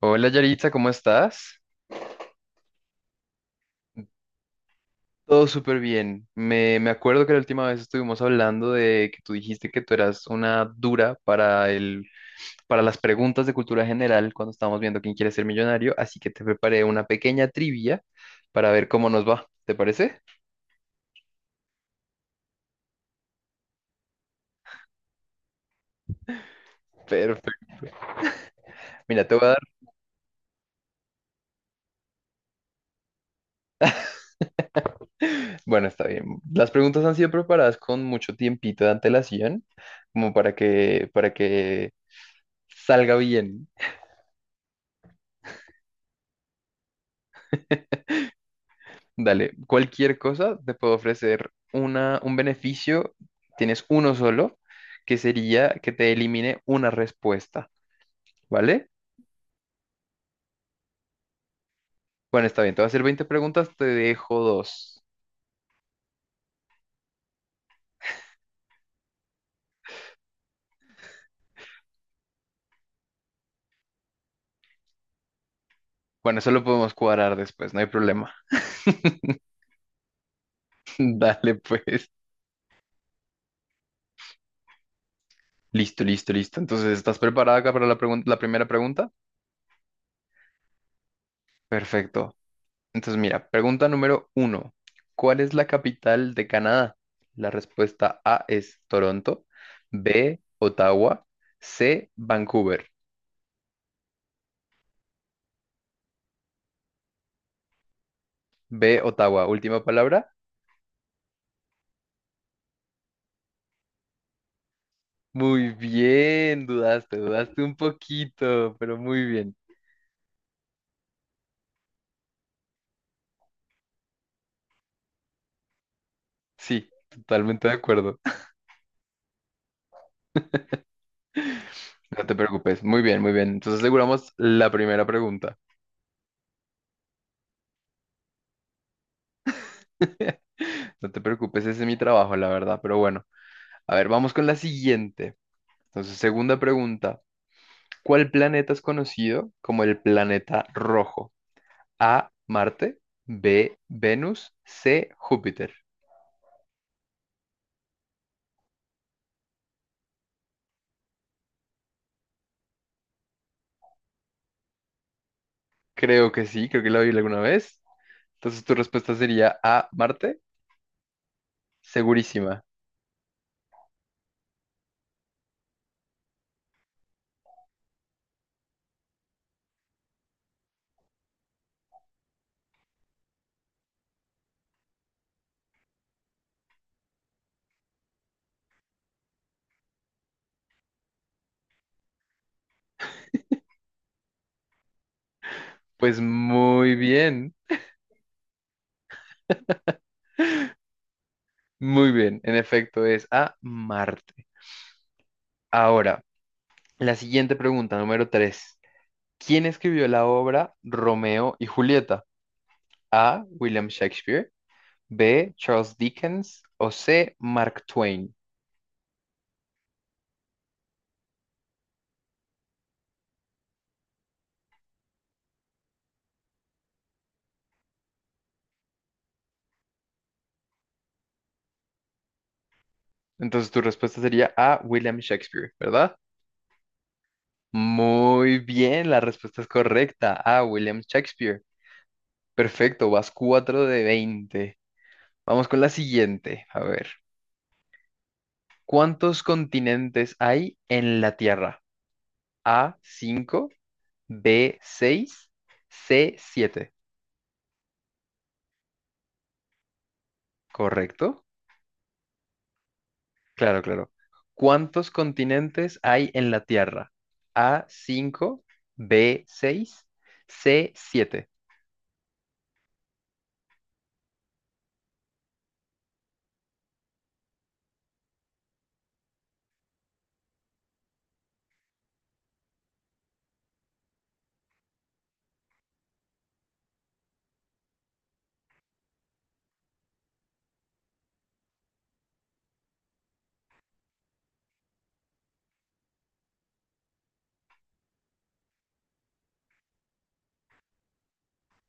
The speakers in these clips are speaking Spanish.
Hola Yaritza, ¿cómo estás? Todo súper bien. Me acuerdo que la última vez estuvimos hablando de que tú dijiste que tú eras una dura para las preguntas de cultura general cuando estábamos viendo quién quiere ser millonario, así que te preparé una pequeña trivia para ver cómo nos va. ¿Te parece? Perfecto. Mira, te voy a dar. Bueno, está bien. Las preguntas han sido preparadas con mucho tiempito de antelación, como para que salga bien. Dale, cualquier cosa te puedo ofrecer un beneficio, tienes uno solo, que sería que te elimine una respuesta, ¿vale? Bueno, está bien, te voy a hacer 20 preguntas, te dejo dos. Bueno, eso lo podemos cuadrar después, no hay problema. Dale, pues. Listo, listo, listo. Entonces, ¿estás preparada acá para la primera pregunta? Perfecto. Entonces, mira, pregunta número uno. ¿Cuál es la capital de Canadá? La respuesta A es Toronto, B, Ottawa, C, Vancouver. B, Ottawa. Última palabra. Muy bien, dudaste un poquito, pero muy bien. Sí, totalmente de acuerdo. No te preocupes. Muy bien, muy bien. Entonces aseguramos la primera pregunta. No te preocupes, ese es mi trabajo, la verdad, pero bueno. A ver, vamos con la siguiente. Entonces, segunda pregunta. ¿Cuál planeta es conocido como el planeta rojo? A, Marte, B, Venus, C, Júpiter. Creo que sí, creo que lo vi alguna vez. Entonces tu respuesta sería A, Marte, segurísima. Pues muy bien, muy bien. En efecto es A, Marte. Ahora, la siguiente pregunta, número 3. ¿Quién escribió la obra Romeo y Julieta? A, William Shakespeare, B, Charles Dickens o C, Mark Twain. Entonces tu respuesta sería A, William Shakespeare, ¿verdad? Muy bien, la respuesta es correcta. A, William Shakespeare. Perfecto, vas 4 de 20. Vamos con la siguiente. A ver, ¿cuántos continentes hay en la Tierra? A, 5, B, 6, C, siete. ¿Correcto? Claro, claro. ¿Cuántos continentes hay en la Tierra? A, 5, B, 6, C, 7.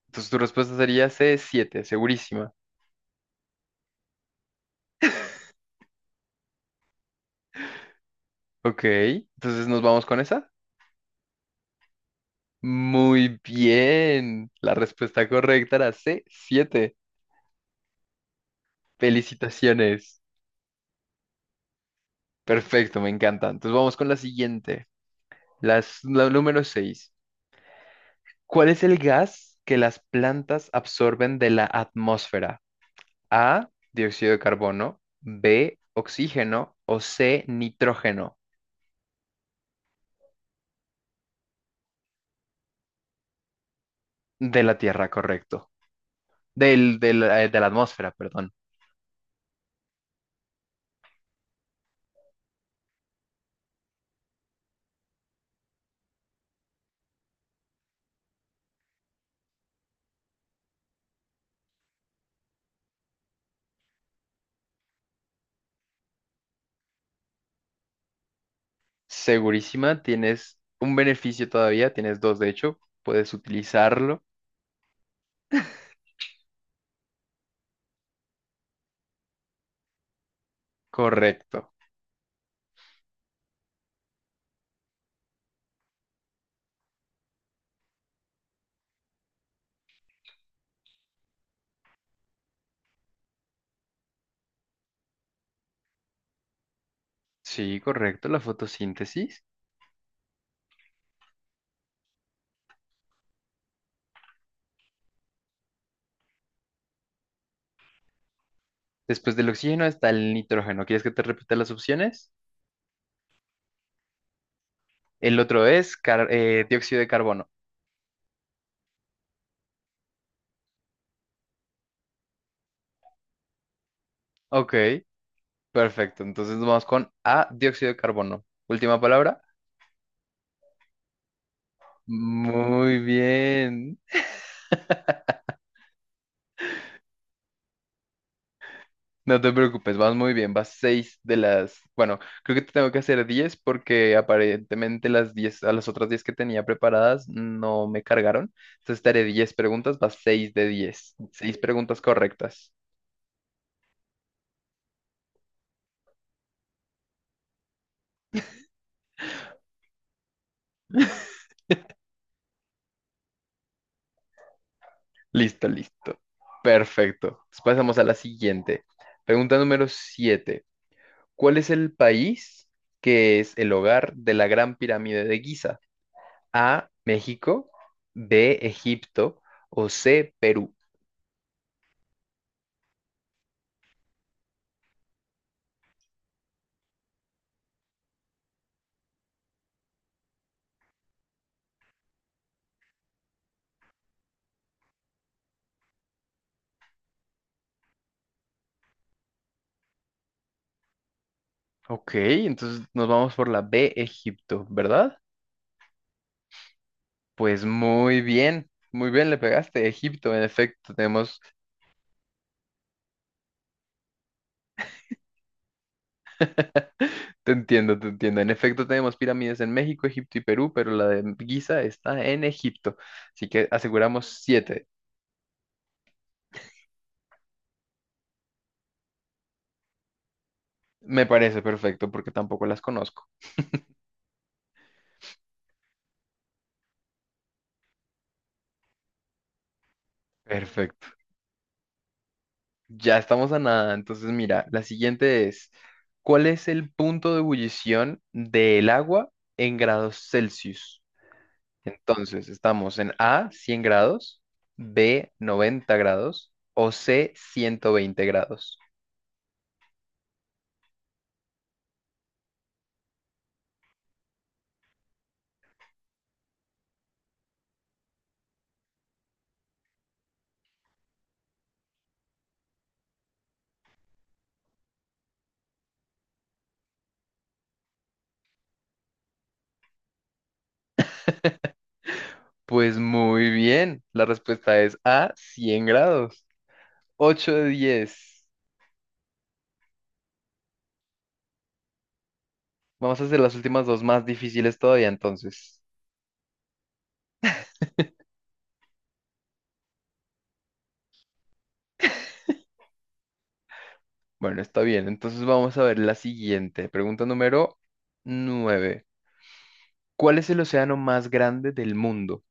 Entonces tu respuesta sería c siete segurísima. Ok, entonces nos vamos con esa. Muy bien. La respuesta correcta era c siete. Felicitaciones. Perfecto, me encanta. Entonces vamos con la siguiente. La número seis. ¿Cuál es el gas que las plantas absorben de la atmósfera? A, dióxido de carbono, B, oxígeno o C, nitrógeno. De la Tierra, correcto. De la atmósfera, perdón. Segurísima, tienes un beneficio todavía, tienes dos de hecho, puedes utilizarlo. Correcto. Sí, correcto, la fotosíntesis. Después del oxígeno está el nitrógeno. ¿Quieres que te repita las opciones? El otro es dióxido de carbono. Ok, perfecto. Entonces vamos con A, dióxido de carbono. Última palabra. Muy bien. No te preocupes, vas muy bien, vas seis bueno, creo que te tengo que hacer 10 porque aparentemente las 10 a las otras 10 que tenía preparadas no me cargaron. Entonces te haré 10 preguntas, vas seis de 10 seis preguntas correctas. Listo, listo. Perfecto. Pues pasamos a la siguiente. Pregunta número siete. ¿Cuál es el país que es el hogar de la Gran Pirámide de Giza? A, México, B, Egipto o C, Perú. Ok, entonces nos vamos por la B, Egipto, ¿verdad? Pues muy bien le pegaste, Egipto, en efecto, tenemos. Te entiendo, te entiendo, en efecto tenemos pirámides en México, Egipto y Perú, pero la de Giza está en Egipto, así que aseguramos siete. Me parece perfecto porque tampoco las conozco. Perfecto, ya estamos a nada, entonces mira, la siguiente es, ¿cuál es el punto de ebullición del agua en grados Celsius? Entonces, estamos en A, 100 grados, B, 90 grados o C, 120 grados. Pues muy bien, la respuesta es A, 100 grados. 8 de 10. Vamos a hacer las últimas dos más difíciles todavía entonces. Bueno, está bien. Entonces vamos a ver la siguiente. Pregunta número 9. ¿Cuál es el océano más grande del mundo?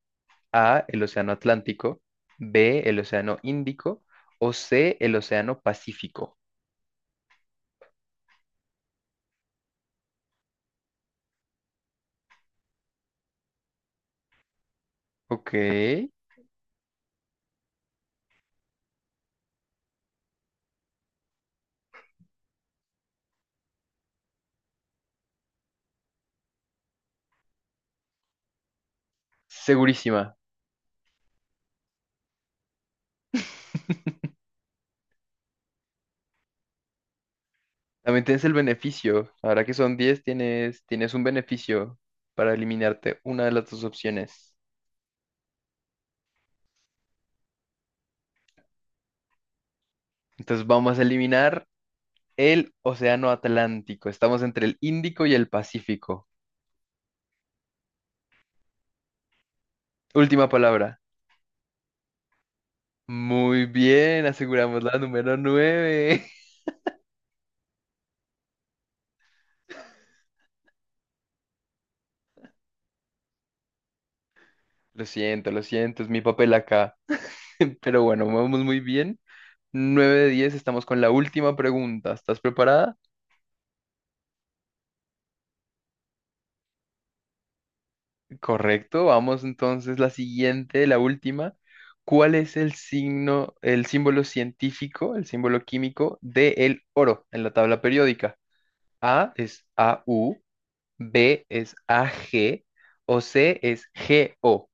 A, el océano Atlántico, B, el océano Índico o C, el océano Pacífico. Ok. Segurísima. También tienes el beneficio. Ahora que son 10, tienes un beneficio para eliminarte una de las dos opciones. Entonces vamos a eliminar el Océano Atlántico. Estamos entre el Índico y el Pacífico. Última palabra. Muy bien, aseguramos la número 9. Lo siento, es mi papel acá. Pero bueno, vamos muy bien. 9 de 10, estamos con la última pregunta. ¿Estás preparada? Correcto, vamos entonces la siguiente, la última. ¿Cuál es el signo, el símbolo científico, el símbolo químico del oro en la tabla periódica? A es AU, B es AG o C es GO.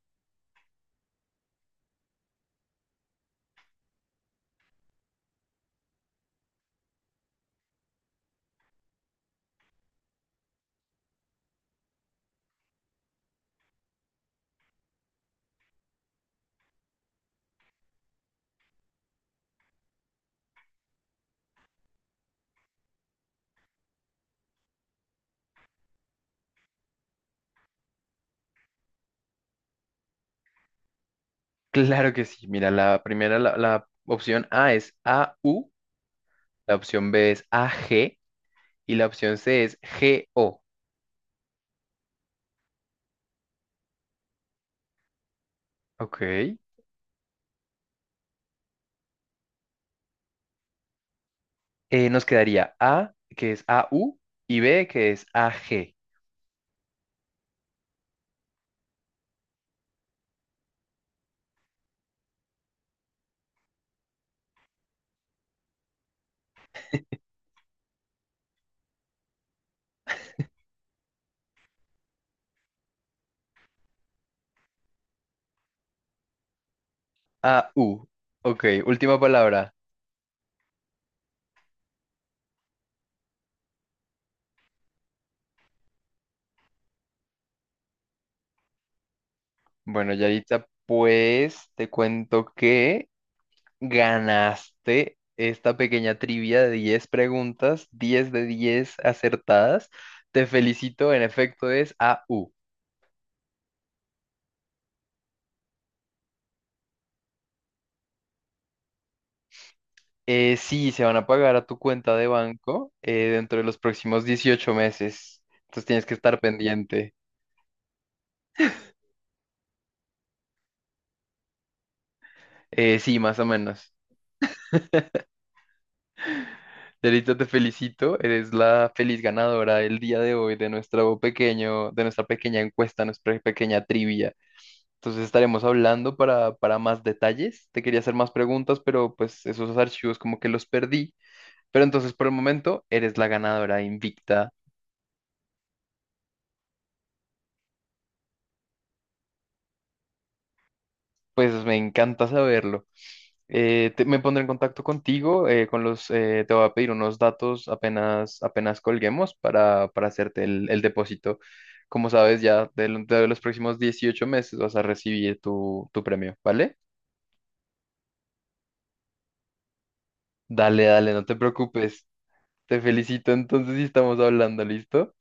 Claro que sí, mira, la opción A es AU, la opción B es AG y la opción C es GO. Ok, nos quedaría A que es AU y B que es AG. A, U. Ok, última palabra. Bueno, Yaritza, pues te cuento que ganaste esta pequeña trivia de 10 preguntas, 10 de 10 acertadas. Te felicito, en efecto es A, U. Sí, se van a pagar a tu cuenta de banco dentro de los próximos 18 meses. Entonces tienes que estar pendiente. Sí, más o menos. Yarita, te felicito. Eres la feliz ganadora del día de hoy de nuestro pequeño, de nuestra pequeña encuesta, nuestra pequeña trivia. Entonces estaremos hablando para más detalles. Te quería hacer más preguntas, pero pues esos archivos como que los perdí. Pero entonces por el momento eres la ganadora invicta. Pues me encanta saberlo. Me pondré en contacto contigo, te voy a pedir unos datos apenas, apenas colguemos para hacerte el depósito. Como sabes, ya de los próximos 18 meses vas a recibir tu premio, ¿vale? Dale, dale, no te preocupes. Te felicito entonces y estamos hablando, ¿listo?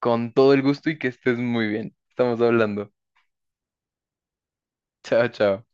Con todo el gusto y que estés muy bien. Estamos hablando. Chao, chao.